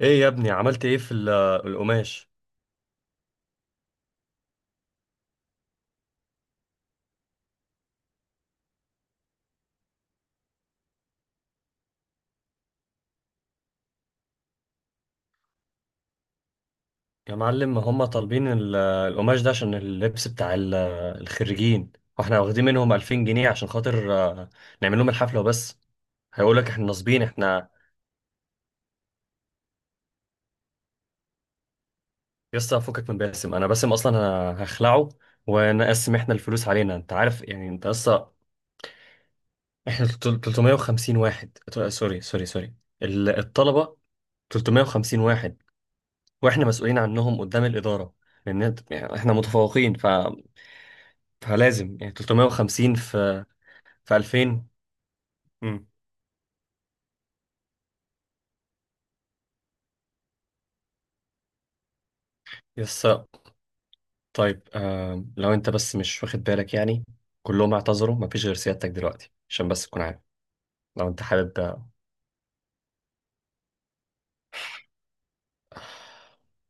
ايه يا ابني، عملت ايه في القماش؟ يا معلم، هم طالبين القماش ده عشان اللبس بتاع الخريجين، واحنا واخدين منهم 2000 جنيه عشان خاطر نعمل لهم الحفلة وبس. هيقولك احنا نصبين. احنا يسطا، فكك من باسم. انا باسم اصلا انا هخلعه ونقسم احنا الفلوس علينا. انت عارف يعني، انت اصلا احنا 350 واحد سوري سوري سوري، الطلبة 350 واحد، واحنا مسؤولين عنهم قدام الإدارة، لان يعني احنا متفوقين، فلازم يعني 350 في 2000. امم يس. طيب، لو انت بس مش واخد بالك يعني، كلهم اعتذروا، مفيش غير سيادتك دلوقتي، عشان بس تكون عارف لو انت حابب.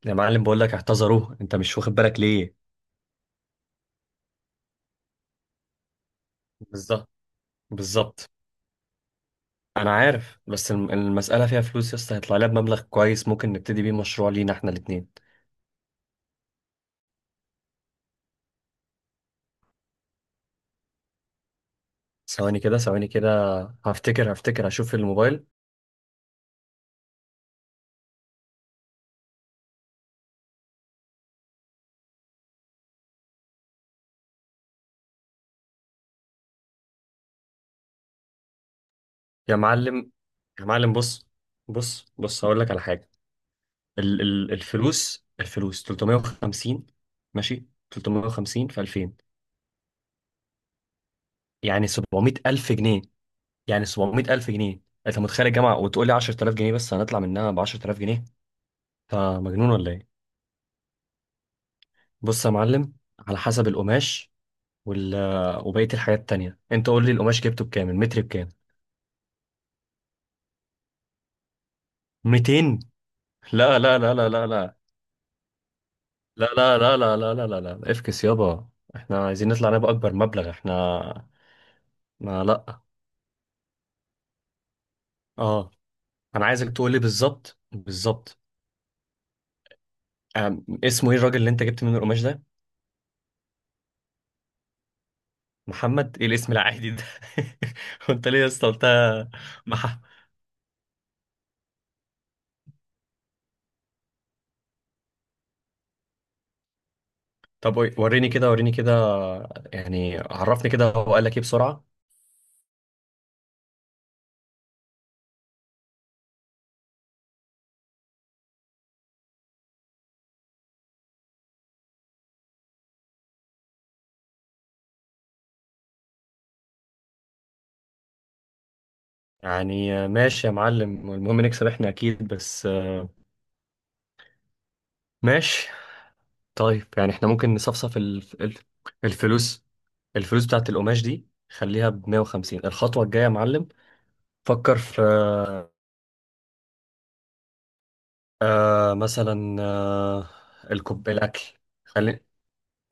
يا معلم بقول لك اعتذروا، انت مش واخد بالك ليه؟ بالظبط بالظبط. انا عارف، بس المسألة فيها فلوس يس، هيطلع لها بمبلغ كويس ممكن نبتدي بيه مشروع لينا احنا الاتنين. ثواني كده ثواني كده، هفتكر، هشوف في الموبايل. يا معلم يا معلم، بص بص بص، هقول لك على حاجة. ال ال الفلوس 350، ماشي؟ 350 في 2000 يعني 700000 جنيه، يعني 700000 جنيه. انت متخيل الجامعه وتقول لي 10000 جنيه؟ بس هنطلع منها ب 10000 جنيه؟ انت مجنون ولا ايه؟ بص يا معلم، على حسب القماش وال وبقيه الحاجات التانيه. انت قول لي القماش جبته بكام، المتر بكام؟ 200؟ لا لا لا لا لا لا لا لا لا لا لا لا لا لا، افكس يابا. احنا عايزين نطلع نبقى اكبر مبلغ احنا، ما لا. اه. انا عايزك تقول لي بالظبط بالظبط. اسمه ايه الراجل اللي انت جبت منه القماش ده؟ محمد؟ ايه الاسم العادي ده؟ وانت ليه يا اسطى قلت مح... طب وريني كده وريني كده، يعني عرفني كده هو قال لك ايه بسرعة. يعني ماشي يا معلم، المهم نكسب احنا اكيد، بس ماشي. طيب يعني احنا ممكن نصفصف الفلوس. الفلوس بتاعت القماش دي خليها ب 150. الخطوة الجاية يا معلم، فكر في مثلا، الكوب، الأكل. خلي،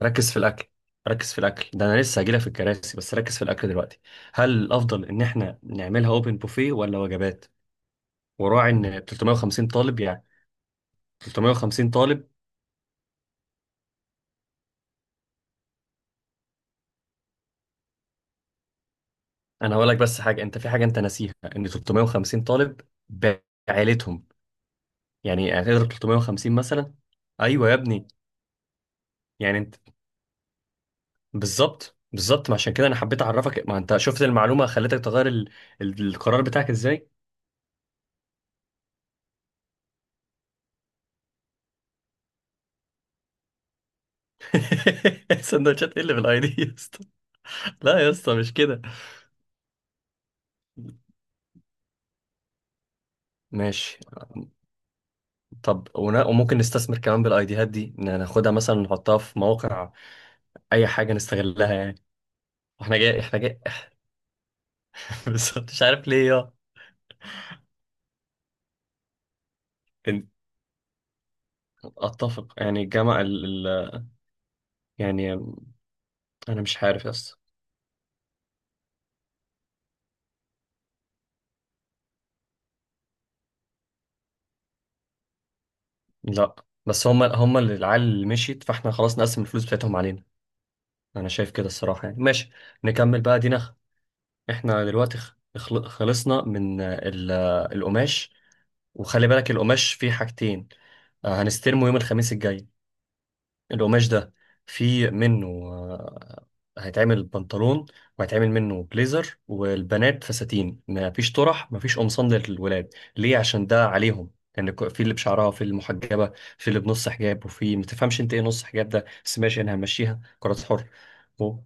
ركز في الاكل. ركز في الاكل ده، انا لسه هجيلك في الكراسي، بس ركز في الاكل دلوقتي. هل الافضل ان احنا نعملها اوبن بوفيه ولا وجبات؟ وراعي ان 350 طالب يعني، 350 طالب. انا هقول لك بس حاجه، انت في حاجه انت ناسيها، ان 350 طالب بعائلتهم. يعني هتقدر 350 مثلا؟ ايوه يا ابني. يعني انت بالظبط بالظبط، ما عشان كده انا حبيت اعرفك. ما انت شفت المعلومه خلتك تغير القرار بتاعك ازاي. سندوتشات ايه اللي بالاي دي يا اسطى؟ لا يا اسطى، مش كده. ماشي. طب وممكن نستثمر كمان بالايديهات دي، إن ناخدها مثلا نحطها في مواقع، اي حاجه نستغلها يعني. واحنا جاي احنا جاي. بس مش عارف ليه يا إن- اتفق يعني الجامعه يعني، انا مش عارف يس. لا، بس هم اللي العيال اللي مشيت، فاحنا خلاص نقسم الفلوس بتاعتهم علينا. انا شايف كده الصراحه، يعني ماشي، نكمل بقى دينا. احنا دلوقتي خلصنا من آه، ال... آه، القماش. وخلي بالك القماش فيه حاجتين، هنستلمه يوم الخميس الجاي، القماش ده في منه هيتعمل بنطلون، وهيتعمل منه بليزر، والبنات فساتين. مفيش طرح، مفيش قمصان للولاد، ليه؟ عشان ده عليهم، لان يعني في اللي بشعرها، في اللي محجبه، في اللي بنص حجاب، وفي ما تفهمش انت ايه نص حجاب ده، بس ماشي انا همشيها قرارات حر. و-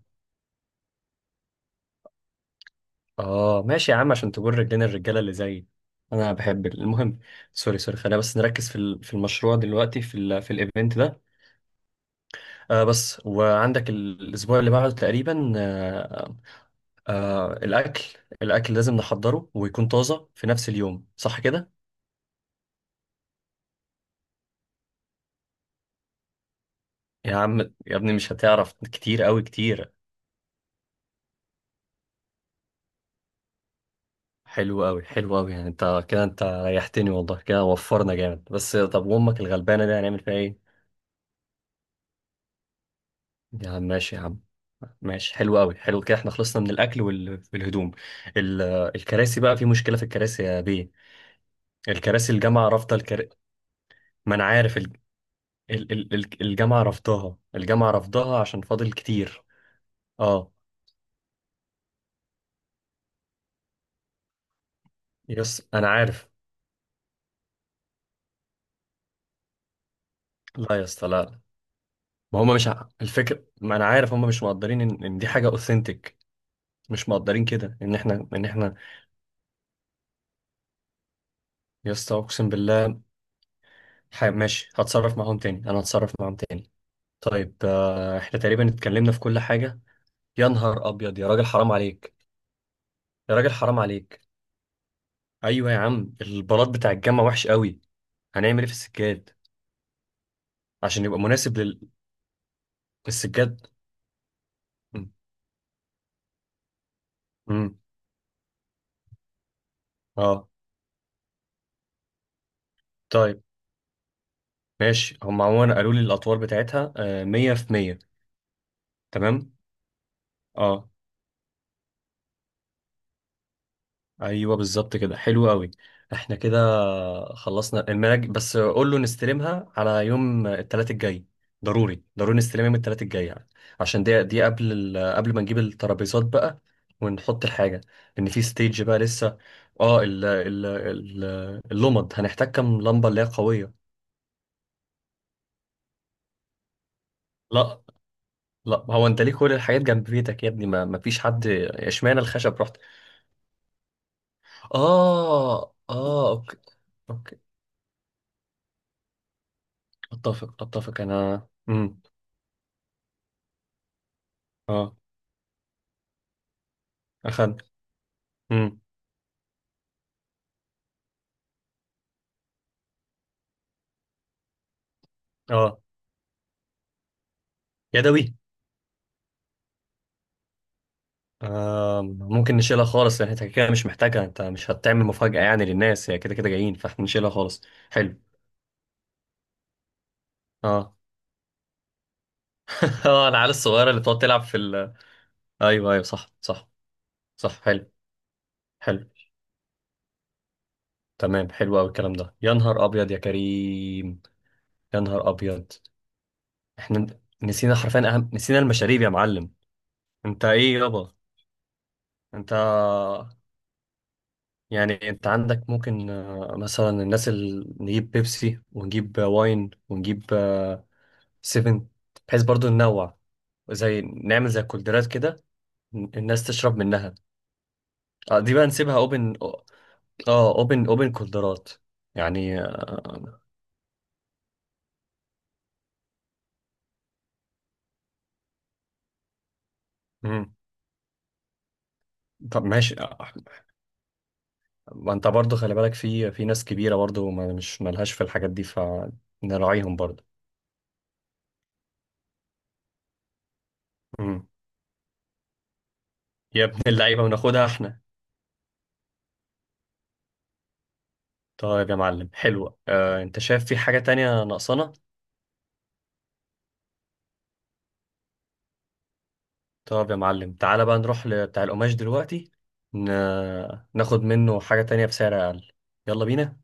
اه، ماشي يا عم، عشان تقول رجلنا الرجاله اللي زيي، انا بحب المهم، سوري سوري، خلينا بس نركز في في المشروع دلوقتي، في في الايفنت ده. بس وعندك الاسبوع اللي بعده تقريبا، الأكل. الأكل لازم نحضره ويكون طازة في نفس اليوم، صح كده؟ يا عم يا ابني، مش هتعرف، كتير أوي كتير. حلو أوي، حلو أوي، يعني أنت كده أنت ريحتني والله كده، وفرنا جامد. بس طب وأمك الغلبانة دي هنعمل فيها إيه؟ يا عم ماشي يا عم، ماشي، حلو أوي، حلو كده، إحنا خلصنا من الأكل والهدوم. ال- الكراسي بقى، في مشكلة في الكراسي يا بيه، الكراسي الجامعة رافضة ما أنا عارف، الجامعة رافضاها، الجامعة رافضاها عشان فاضل كتير. أه، يس انا عارف. لا يا اسطى، لا لا. ما هم مش الفكر، ما انا عارف هم مش مقدرين ان، إن دي حاجه اوثنتيك. مش مقدرين كده ان احنا ان احنا يا اسطى، اقسم بالله. ماشي، هتصرف معاهم تاني، انا هتصرف معاهم تاني. طيب، احنا تقريبا اتكلمنا في كل حاجه. يا نهار ابيض، يا راجل حرام عليك، يا راجل حرام عليك. ايوه يا عم، البلاط بتاع الجامعه وحش قوي. هنعمل ايه في السجاد عشان يبقى مناسب للسجاد؟ امم اه، طيب ماشي. هم عموما قالوا لي الاطوال بتاعتها 100 في 100. تمام، اه، ايوه بالظبط كده، حلو قوي. احنا كده خلصنا المناج، بس قول له نستلمها على يوم الثلاث الجاي، ضروري ضروري نستلمها يوم الثلاث الجاي يعني. عشان دي قبل قبل ما نجيب الترابيزات بقى، ونحط الحاجه، لان في ستيج بقى لسه. اه اللمض، هنحتاج كام لمبه اللي هي قويه؟ لا، لا، هو انت ليه كل الحاجات جنب بيتك يا ابني؟ ما فيش حد اشمعنى الخشب رحت. اه اه، اوكي، اوكي، اتفق اتفق انا. اه، أخد. امم اه، يدوي. ممكن نشيلها خالص، لأن انت كده مش محتاجها، انت مش هتعمل مفاجأة يعني للناس، هي كده كده جايين، فاحنا نشيلها خالص. حلو. اه اه، العيال الصغيرة اللي بتقعد تلعب في ال، ايوه ايوه صح صح، صح، حلو، حلو. تمام، حلو قوي الكلام ده، يا نهار ابيض، يا كريم، يا نهار ابيض. احنا نسينا، حرفيا اهم، نسينا المشاريب يا معلم، انت ايه يابا؟ انت، يعني انت عندك ممكن مثلا، الناس اللي، نجيب بيبسي، ونجيب واين، ونجيب سيفن، بحيث برضو ننوع. زي نعمل زي كولدرات كده، الناس تشرب منها. دي بقى نسيبها اوبن. اه، اوبن، اوبن كولدرات، يعني مم. طب ماشي، ما انت برضو خلي بالك في، في ناس كبيرة برضو ما مش ملهاش في الحاجات دي، فنراعيهم برضو. مم. يا ابن اللعيبة، وناخدها احنا. طيب يا معلم حلوة، انت شايف في حاجة تانية ناقصانا؟ طب يا معلم، تعالى بقى نروح لبتاع القماش دلوقتي، ن... ناخد منه حاجة تانية بسعر أقل. يلا بينا.